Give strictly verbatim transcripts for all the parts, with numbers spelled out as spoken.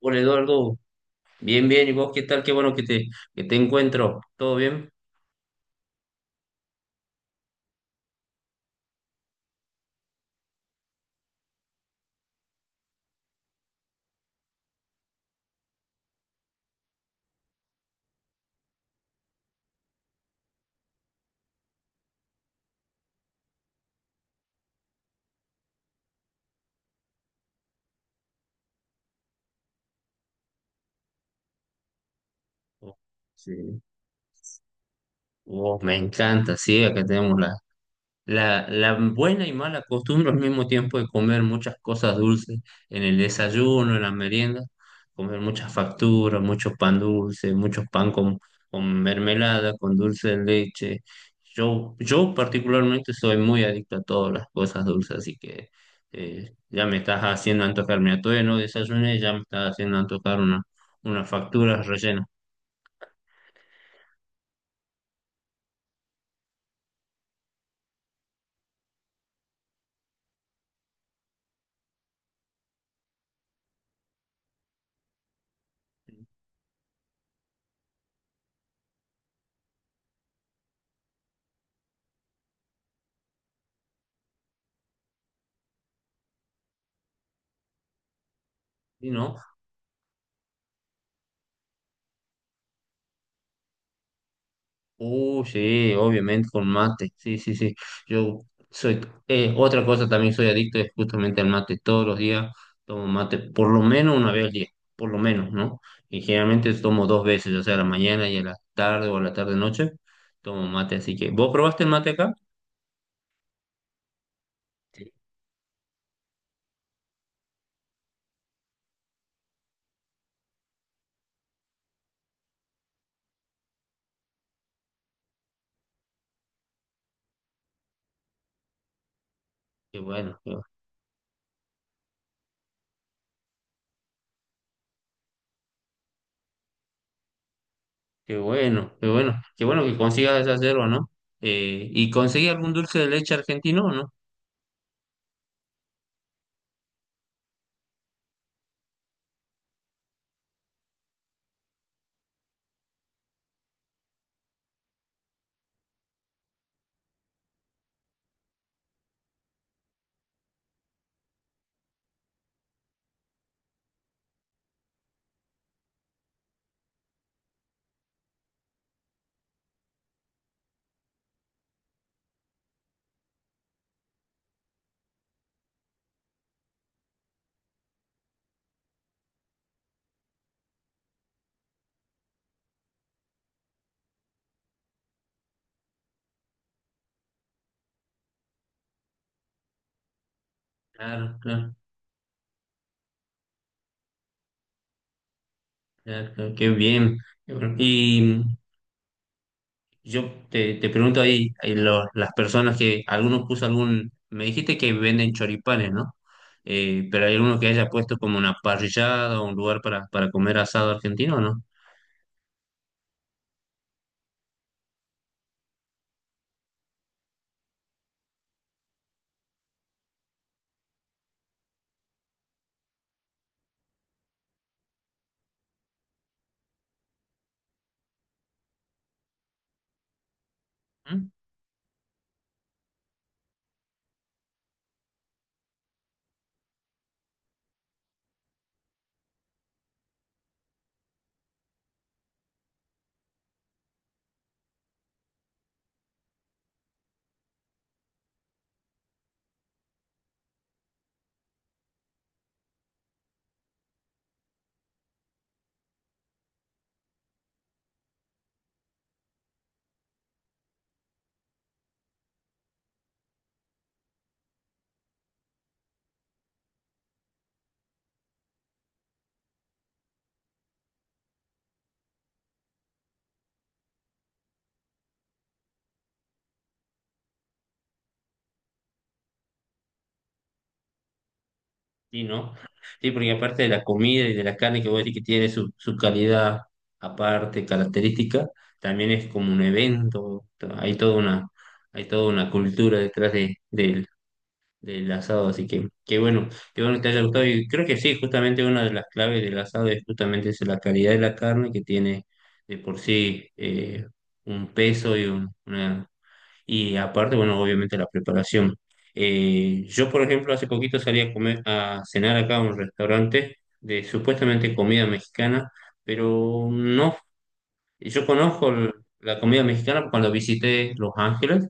Hola Eduardo, bien, bien, ¿y vos qué tal? Qué bueno que te, que te encuentro, ¿todo bien? Oh, sí. Oh, me encanta, sí, acá tenemos la. La, la buena y mala costumbre al mismo tiempo de comer muchas cosas dulces en el desayuno, en la merienda, comer muchas facturas, mucho pan dulce, mucho pan con, con mermelada, con dulce de leche. Yo, yo particularmente soy muy adicto a todas las cosas dulces, así que eh, ya me estás haciendo antojar, mira, todavía no desayuné, ya me estás haciendo antojar una, unas facturas rellenas. Y no. Uh, sí, obviamente con mate. Sí, sí, sí. Yo soy, eh, otra cosa también soy adicto es justamente al mate. Todos los días tomo mate, por lo menos una vez al día, por lo menos, ¿no? Y generalmente tomo dos veces, ya sea a la mañana y a la tarde o a la tarde-noche, tomo mate. Así que, ¿vos probaste el mate acá? Sí. Qué bueno, qué, bueno, qué bueno, qué bueno. Qué bueno que consigas esa yerba, ¿no? Eh, ¿y conseguí algún dulce de leche argentino o no? Claro, claro, claro, claro, qué bien. Qué bueno. Y yo te, te pregunto ahí, ahí lo- las personas que, algunos puso algún, me dijiste que venden choripanes, ¿no? Eh, pero hay alguno que haya puesto como una parrillada o un lugar para, para comer asado argentino, ¿o ¿no? ¿Mm? Sí, ¿no? Sí, porque aparte de la comida y de la carne que vos decís que tiene su, su calidad aparte, característica, también es como un evento, hay toda una, hay toda una cultura detrás de, del del asado, así que qué bueno, qué bueno que te haya gustado. Y creo que sí, justamente una de las claves del asado es justamente eso, la calidad de la carne que tiene de por sí eh, un peso y un- una y aparte, bueno, obviamente la preparación. Eh, yo, por ejemplo, hace poquito salí a comer, a cenar acá a un restaurante de supuestamente comida mexicana, pero no. Y yo conozco el- la comida mexicana cuando visité Los Ángeles.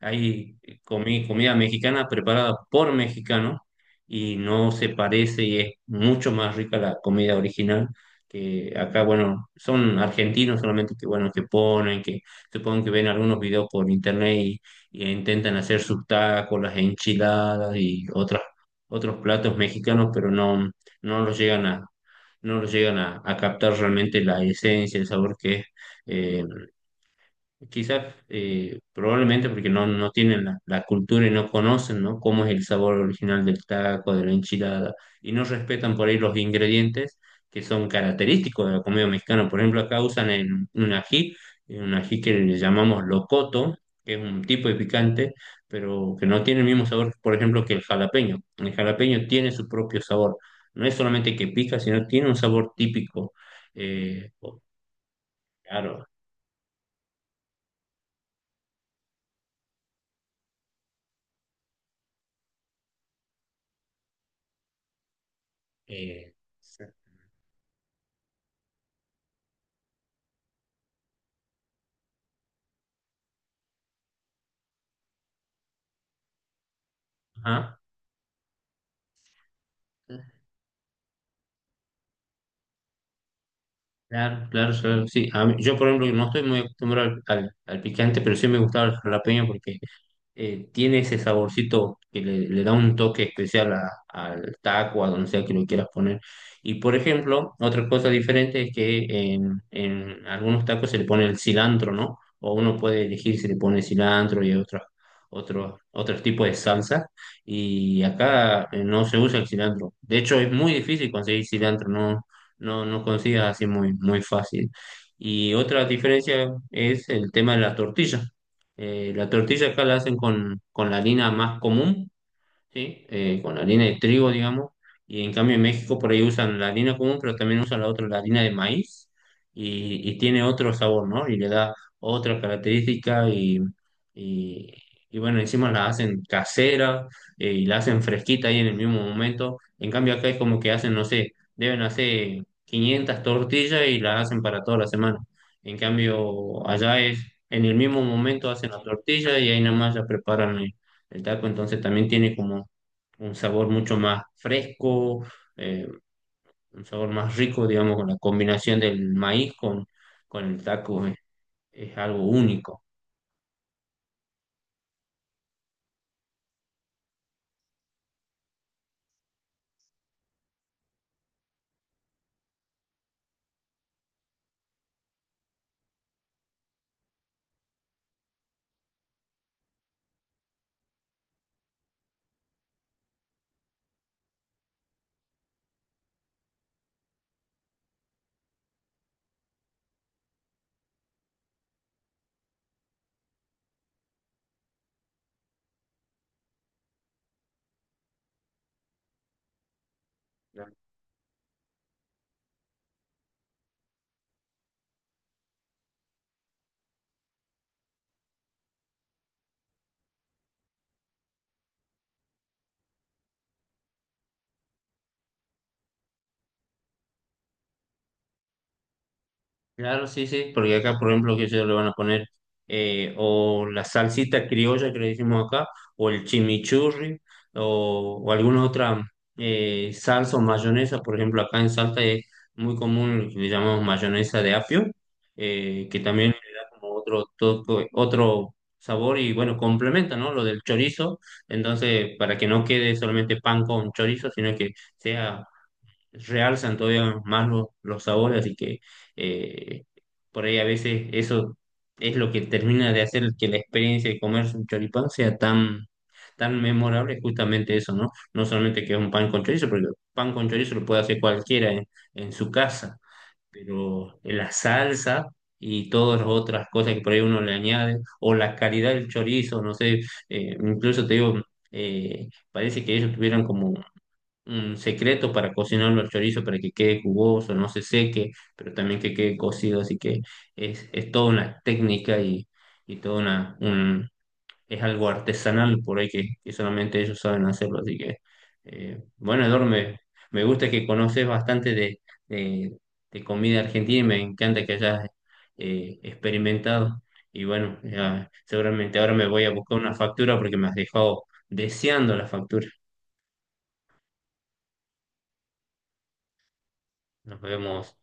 Ahí comí comida mexicana preparada por mexicanos y no se parece, y es mucho más rica la comida original que acá, bueno, son argentinos solamente que, bueno, que ponen, que supongo que ven algunos videos por internet y, y intentan hacer sus tacos, las enchiladas y otras, otros platos mexicanos, pero no, no los llegan a no los llegan a, a captar realmente la esencia, el sabor que es eh, quizás eh, probablemente porque no, no tienen la, la cultura y no conocen, ¿no? Cómo es el sabor original del taco, de la enchilada, y no respetan por ahí los ingredientes que son característicos de la comida mexicana. Por ejemplo, acá usan el- un ají, eh, un ají que le llamamos locoto, que es un tipo de picante, pero que no tiene el mismo sabor, por ejemplo, que el jalapeño. El jalapeño tiene su propio sabor. No es solamente que pica, sino tiene un sabor típico. Eh, claro. eh, Ajá. Claro, claro, claro, sí. A mí- yo, por ejemplo, no estoy muy acostumbrado al, al- al picante, pero sí me gustaba el jalapeño porque eh, tiene ese saborcito que le, le da un toque especial a- al taco, a donde sea que lo quieras poner. Y por ejemplo, otra cosa diferente es que en, en algunos tacos se le pone el cilantro, ¿no? O uno puede elegir si le pone cilantro y otros otros otros tipos de salsa. Y acá eh, no se usa el cilantro. De hecho, es muy difícil conseguir cilantro, no, no, no consigas así muy, muy fácil. Y otra diferencia es el tema de la tortilla. Eh, la tortilla acá la hacen con, con la harina más común. ¿Sí? Eh, con la harina de trigo, digamos, y en cambio en México por ahí usan la harina común, pero también usan la otra, la harina de maíz, y, y tiene otro sabor, ¿no? Y le da otra característica y, y, y bueno, encima la hacen casera eh, y la hacen fresquita ahí en el mismo momento. En cambio acá es como que hacen, no sé, deben hacer quinientas tortillas y las hacen para toda la semana. En cambio allá es, en el mismo momento hacen la tortilla y ahí nada más ya preparan el el taco, entonces también tiene como un sabor mucho más fresco, eh, un sabor más rico, digamos, con la combinación del maíz con, con el taco es, es algo único. Claro, sí, sí, porque acá, por ejemplo, que ellos le van a poner eh, o la salsita criolla que le decimos acá, o el chimichurri, o, o alguna otra eh, salsa o mayonesa. Por ejemplo, acá en Salta es muy común lo que le llamamos mayonesa de apio, eh, que también le da como otro toque, otro sabor y bueno, complementa, ¿no? Lo del chorizo. Entonces, para que no quede solamente pan con chorizo, sino que sea realzan todavía más los, los sabores, así que eh, por ahí a veces eso es lo que termina de hacer que la experiencia de comerse un choripán sea tan, tan memorable, es justamente eso, ¿no? No solamente que es un pan con chorizo, porque el pan con chorizo lo puede hacer cualquiera en, en su casa, pero la salsa y todas las otras cosas que por ahí uno le añade, o la calidad del chorizo, no sé, eh, incluso te digo... eh, parece que ellos tuvieran como un secreto para cocinarlo al chorizo para que quede jugoso, no se seque, pero también que quede cocido, así que es, es toda una técnica y, y toda una, un, es algo artesanal por ahí que, que solamente ellos saben hacerlo, así que eh, bueno, Eduardo, me, me gusta que conoces bastante de, de, de comida argentina y me encanta que hayas eh, experimentado. Y bueno, ya, seguramente ahora me voy a buscar una factura porque me has dejado deseando la factura. Nos vemos